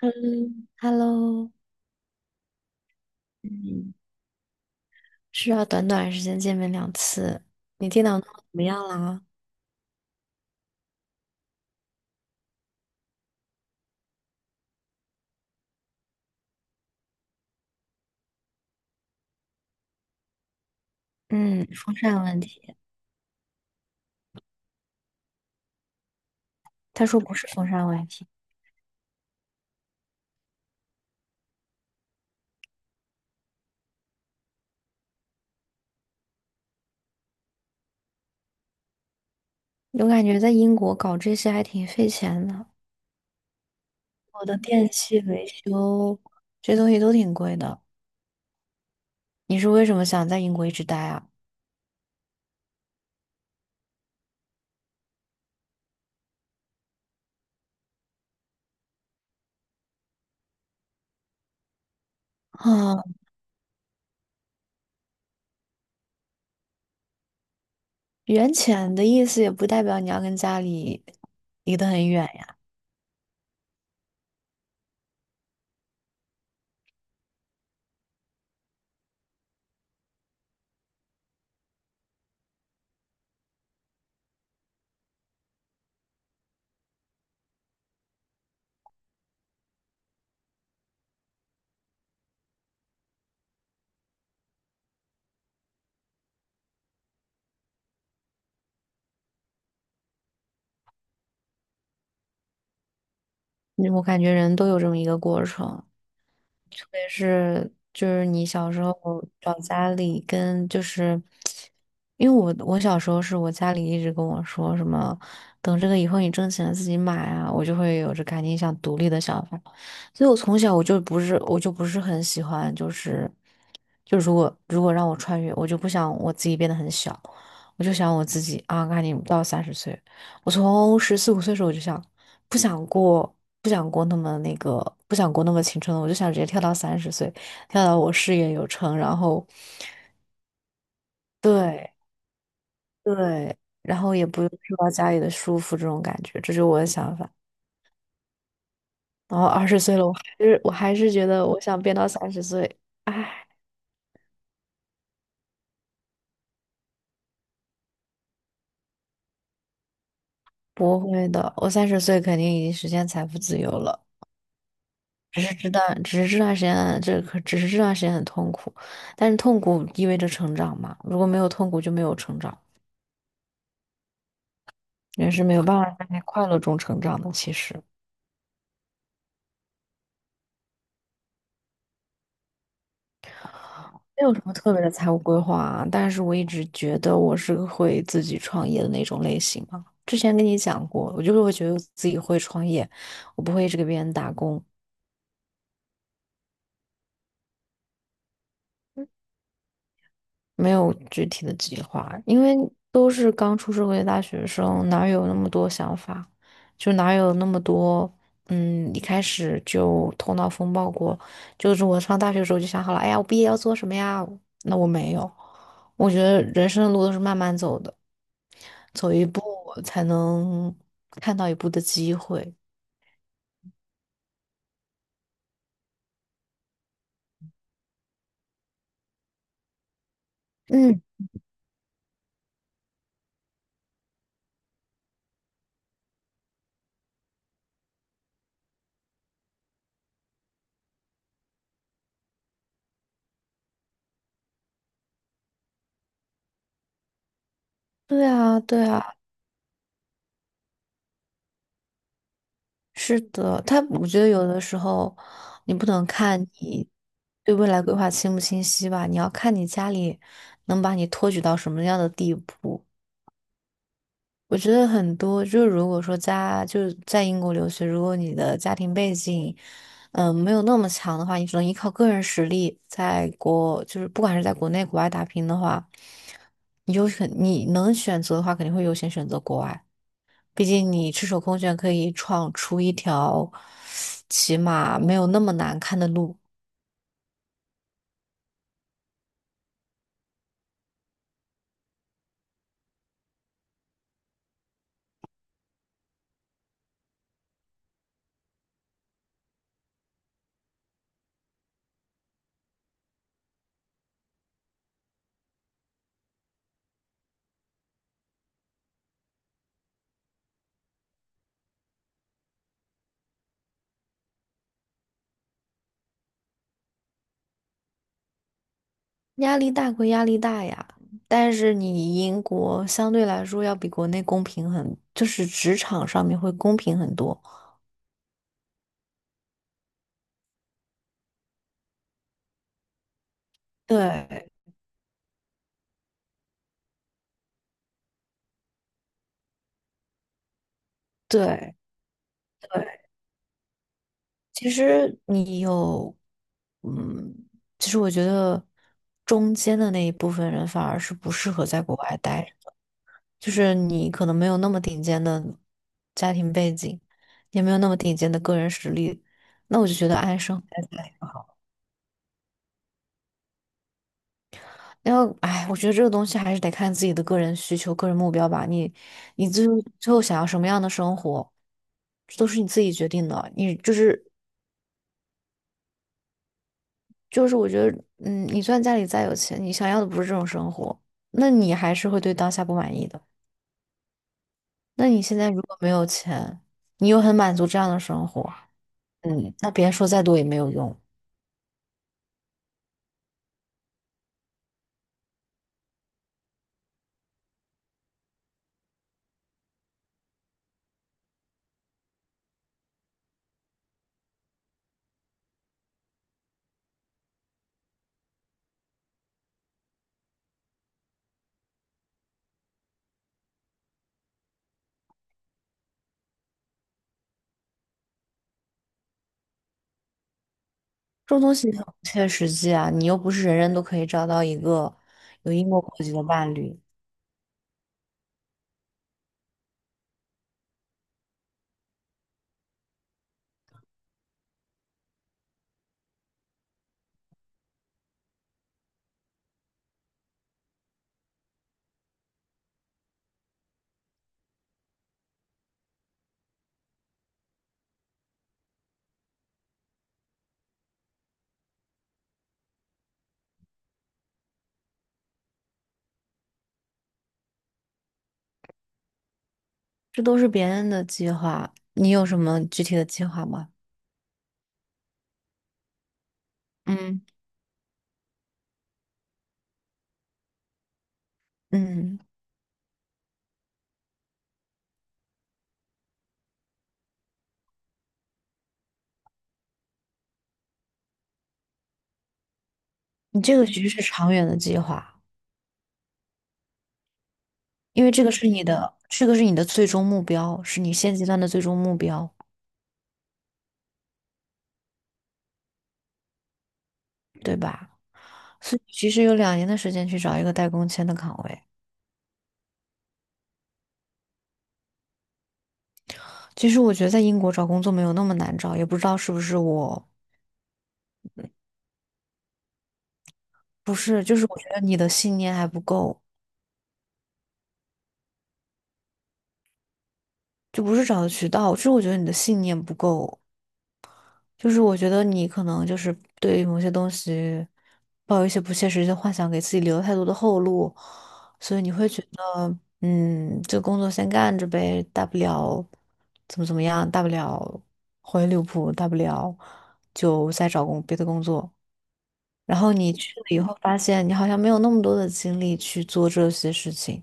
嗯，Hello，嗯，是啊，短短时间见面两次。你电脑弄得怎么样啦？嗯，风扇问题。他说不是风扇问题。我感觉在英国搞这些还挺费钱的，我的电器维修这些东西都挺贵的。你是为什么想在英国一直待啊？啊，远浅的意思也不代表你要跟家里离得很远呀。嗯，我感觉人都有这么一个过程。特别是就是你小时候找家里跟就是，因为我小时候是我家里一直跟我说什么，等这个以后你挣钱了自己买啊，我就会有着赶紧想独立的想法。所以我从小我就不是很喜欢就是就如果让我穿越，我就不想我自己变得很小，我就想我自己啊，赶紧到三十岁。我从十四五岁的时候我就想，不想过，不想过那么那个，不想过那么青春了，我就想直接跳到三十岁，跳到我事业有成，然后，对对，然后也不用受到家里的束缚，这种感觉，这就是我的想法。然后二十岁了，我还是觉得我想变到三十岁。唉，不会的，我三十岁肯定已经实现财富自由了。只是知道，只是这段时间，只是这段时间很痛苦，但是痛苦意味着成长嘛。如果没有痛苦，就没有成长，人是没有办法在快乐中成长的。其实没有什么特别的财务规划啊，但是我一直觉得我是个会自己创业的那种类型嘛。之前跟你讲过，我就是会觉得自己会创业，我不会一直给别人打工。没有具体的计划，因为都是刚出社会的大学生，哪有那么多想法？就哪有那么多，一开始就头脑风暴过。就是我上大学的时候就想好了，哎呀，我毕业要做什么呀？那我没有，我觉得人生的路都是慢慢走的，走一步才能看到一步的机会。嗯，对啊，对啊。是的，他我觉得有的时候你不能看你对未来规划清不清晰吧，你要看你家里能把你托举到什么样的地步。我觉得很多，就是如果说家就是在英国留学，如果你的家庭背景，没有那么强的话，你只能依靠个人实力，在国就是不管是在国内国外打拼的话，你就很你能选择的话，肯定会优先选择国外。毕竟你赤手空拳可以闯出一条起码没有那么难看的路。压力大归压力大呀，但是你英国相对来说要比国内公平很，就是职场上面会公平很多。对对对，其实你有，嗯，其实我觉得中间的那一部分人反而是不适合在国外待。就是你可能没有那么顶尖的家庭背景，也没有那么顶尖的个人实力，那我就觉得安生孩子吧。然后唉，我觉得这个东西还是得看自己的个人需求、个人目标吧。你你最后想要什么样的生活，这都是你自己决定的。你就是就是，我觉得，你虽然家里再有钱，你想要的不是这种生活，那你还是会对当下不满意的。那你现在如果没有钱，你又很满足这样的生活，那别人说再多也没有用。这种东西很不切实际啊，你又不是人人都可以找到一个有英国国籍的伴侣。这都是别人的计划。你有什么具体的计划吗？嗯嗯，你这个其实是长远的计划，因为这个是你的，这个是你的最终目标，是你现阶段的最终目标，对吧？所以其实有两年的时间去找一个带工签的岗位。其实我觉得在英国找工作没有那么难找，也不知道是不是我，不是，就是我觉得你的信念还不够。就不是找的渠道，就是我觉得你的信念不够，就是我觉得你可能就是对于某些东西抱有一些不切实际的幻想，给自己留了太多的后路，所以你会觉得，这个工作先干着呗，大不了怎么样，大不了回利物浦，大不了就再找别的工作。然后你去了以后，发现你好像没有那么多的精力去做这些事情。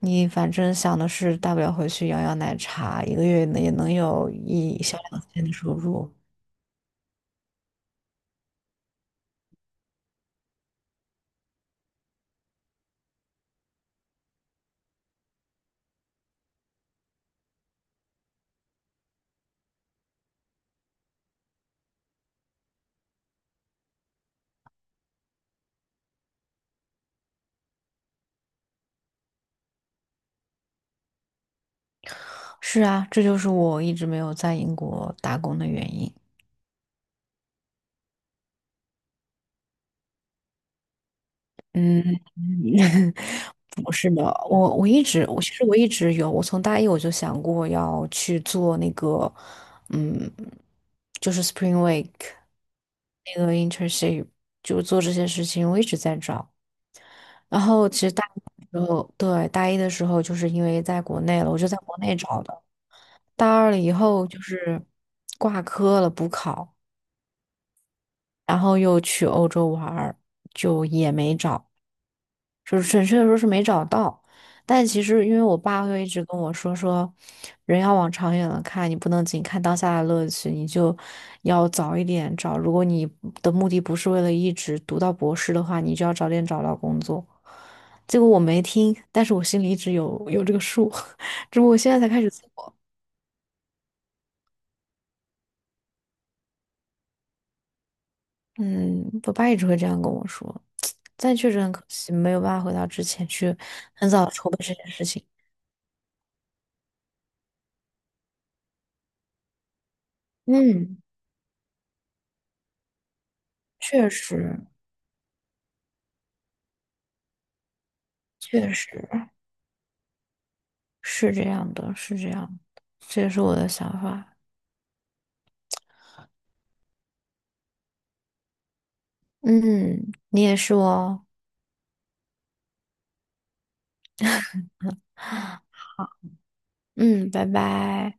你反正想的是，大不了回去摇摇奶茶，一个月呢也能有一小两千的收入。是啊，这就是我一直没有在英国打工的原因。嗯，不是的，我一直我其实我一直有，我从大一我就想过要去做那个，嗯，就是 Spring Week 那个 internship，就做这些事情，我一直在找。然后其实大一的时候，对，大一的时候就是因为在国内了，我就在国内找的。大二了以后就是挂科了，补考，然后又去欧洲玩儿，就也没找。就是准确的说是没找到，但其实因为我爸会一直跟我说，人要往长远了看，你不能仅看当下的乐趣，你就要早一点找。如果你的目的不是为了一直读到博士的话，你就要早点找到工作。结果我没听，但是我心里一直有这个数，只不过我现在才开始做。嗯，我爸一直会这样跟我说，但确实很可惜，没有办法回到之前去很早地筹备这件事情。嗯，确实，确实。是这样的，是这样的，这也是我的想法。嗯，你也是哦。嗯，拜拜。